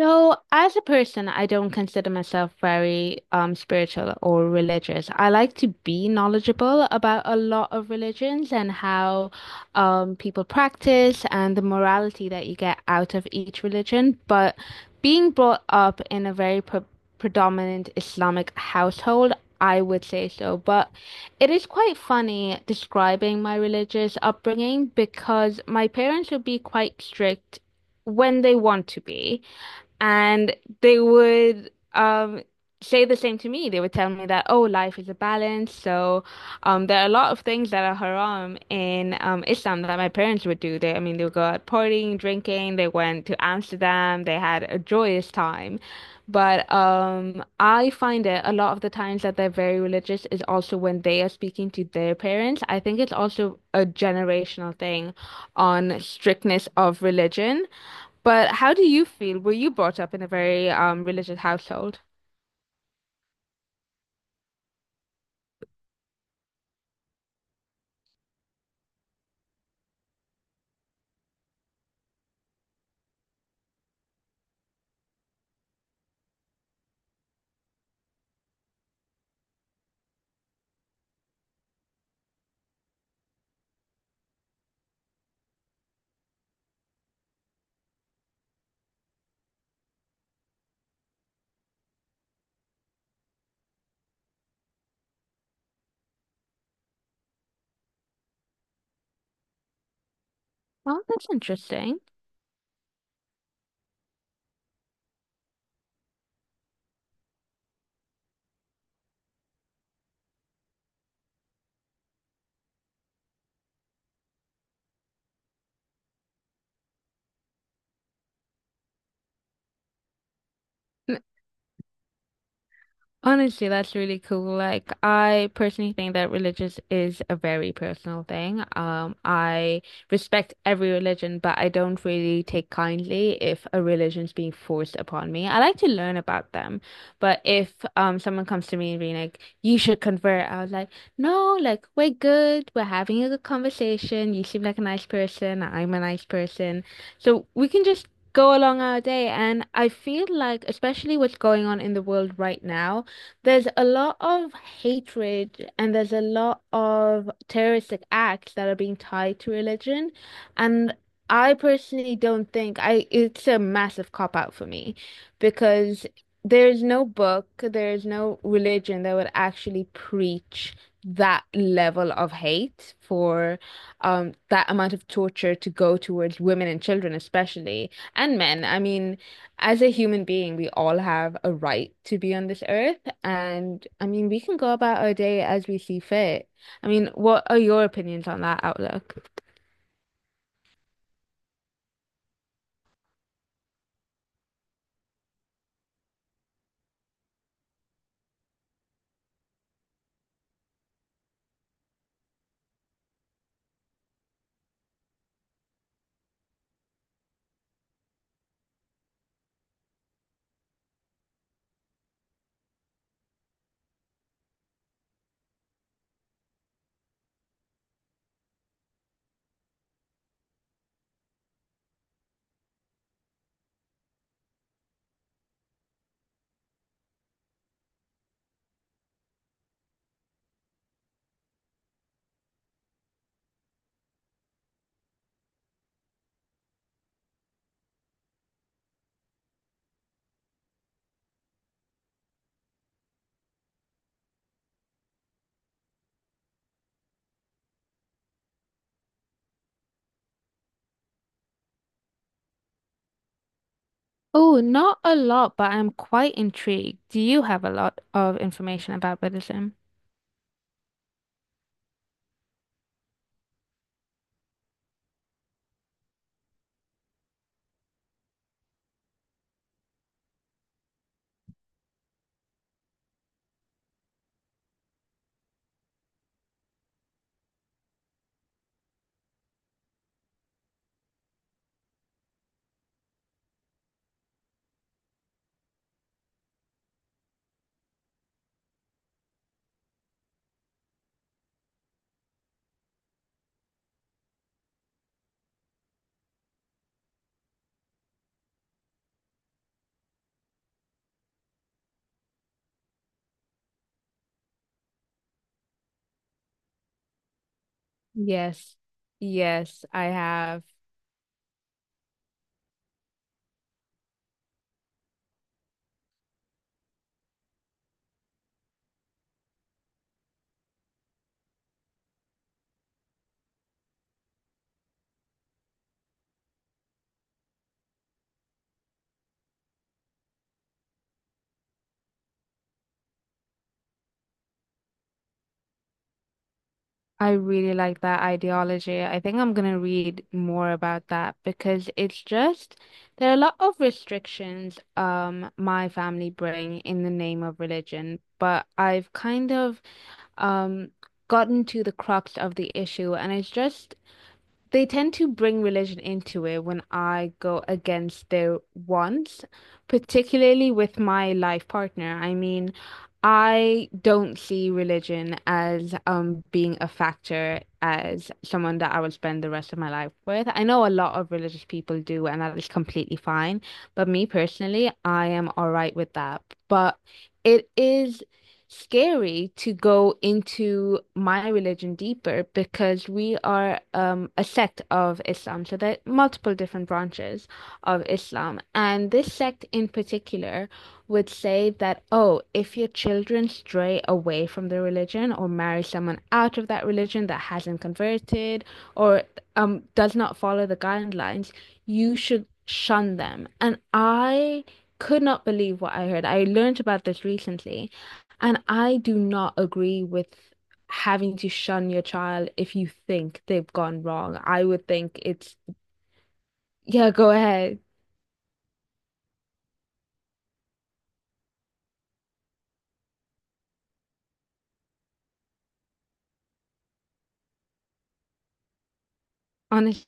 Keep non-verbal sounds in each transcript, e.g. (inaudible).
So, as a person, I don't consider myself very spiritual or religious. I like to be knowledgeable about a lot of religions and how people practice and the morality that you get out of each religion. But being brought up in a very predominant Islamic household, I would say so. But it is quite funny describing my religious upbringing because my parents would be quite strict when they want to be. And they would say the same to me. They would tell me that, oh, life is a balance. So there are a lot of things that are haram in Islam that my parents would do. They, they would go out partying, drinking. They went to Amsterdam. They had a joyous time. But I find it a lot of the times that they're very religious is also when they are speaking to their parents. I think it's also a generational thing on strictness of religion. But how do you feel? Were you brought up in a very religious household? Oh, that's interesting. Honestly, that's really cool. Like, I personally think that religious is a very personal thing. I respect every religion, but I don't really take kindly if a religion's being forced upon me. I like to learn about them, but if someone comes to me and being like, "You should convert," I was like, "No, like we're good. We're having a good conversation. You seem like a nice person. I'm a nice person, so we can just." Go along our day, and I feel like, especially what's going on in the world right now there's a lot of hatred and there's a lot of terroristic acts that are being tied to religion. And I personally don't think I it's a massive cop out for me because there's no book, there's no religion that would actually preach that level of hate for that amount of torture to go towards women and children especially and men. I mean as a human being, we all have a right to be on this earth. And I mean, we can go about our day as we see fit. I mean, what are your opinions on that outlook? Oh, not a lot, but I'm quite intrigued. Do you have a lot of information about Buddhism? Yes, yes, I have. I really like that ideology. I think I'm gonna read more about that because it's just there are a lot of restrictions my family bring in the name of religion, but I've kind of um gotten to the crux of the issue and it's just they tend to bring religion into it when I go against their wants, particularly with my life partner. I mean, I don't see religion as being a factor as someone that I will spend the rest of my life with. I know a lot of religious people do, and that is completely fine. But me personally, I am all right with that. But it is scary to go into my religion deeper because we are a sect of Islam. So there are multiple different branches of Islam. And this sect in particular would say that, oh, if your children stray away from the religion or marry someone out of that religion that hasn't converted or does not follow the guidelines, you should shun them. And I could not believe what I heard. I learned about this recently. And I do not agree with having to shun your child if you think they've gone wrong. I would think it's, yeah, go ahead. Honest.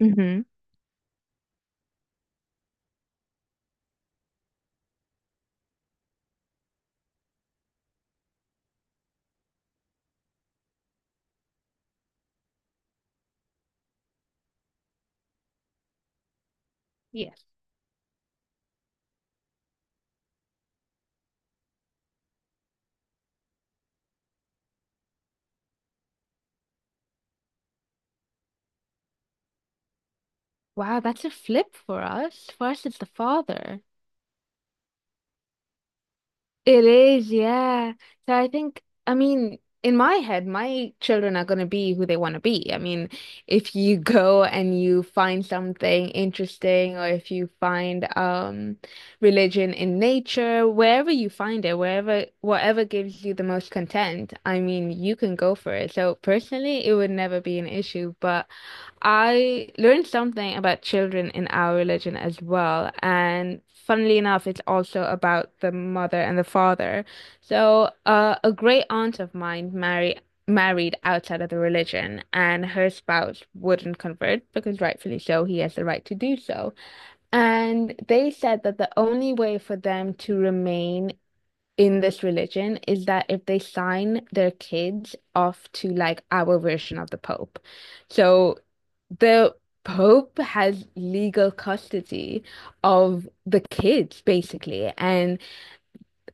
Hmm. Yes. Wow, that's a flip for us. For us, it's the father. It is, yeah. So I think, I mean, in my head, my children are going to be who they want to be. I mean, if you (laughs) go and you find something interesting, or if you find religion in nature, wherever you find it, wherever whatever gives you the most content, I mean, you can go for it. So personally, it would never be an issue, but I learned something about children in our religion as well. And funnily enough, it's also about the mother and the father. So, a great aunt of mine married outside of the religion, and her spouse wouldn't convert because rightfully so, he has the right to do so. And they said that the only way for them to remain in this religion is that if they sign their kids off to like our version of the Pope. So the Pope has legal custody of the kids basically. And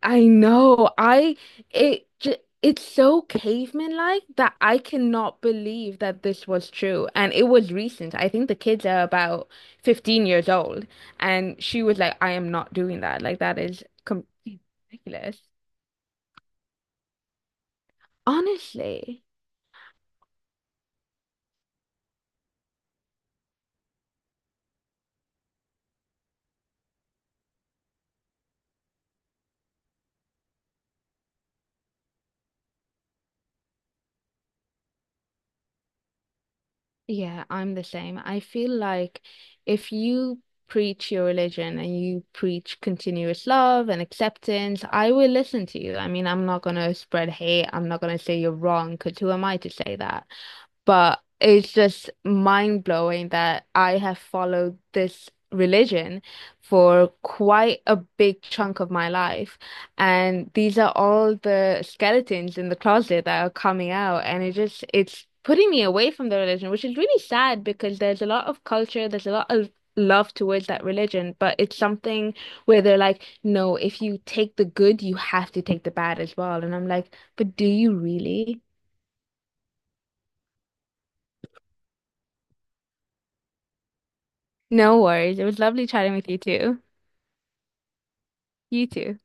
I know I it ju- it's so caveman-like that I cannot believe that this was true. And it was recent. I think the kids are about 15 years old. And she was like, I am not doing that. Like, that is completely ridiculous. Honestly, yeah, I'm the same. I feel like if you preach your religion and you preach continuous love and acceptance, I will listen to you. I mean, I'm not going to spread hate. I'm not going to say you're wrong, because who am I to say that? But it's just mind blowing that I have followed this religion for quite a big chunk of my life. And these are all the skeletons in the closet that are coming out. And it just, it's putting me away from the religion, which is really sad because there's a lot of culture, there's a lot of love towards that religion, but it's something where they're like, no, if you take the good, you have to take the bad as well. And I'm like, but do you really? No worries. It was lovely chatting with you too. You too.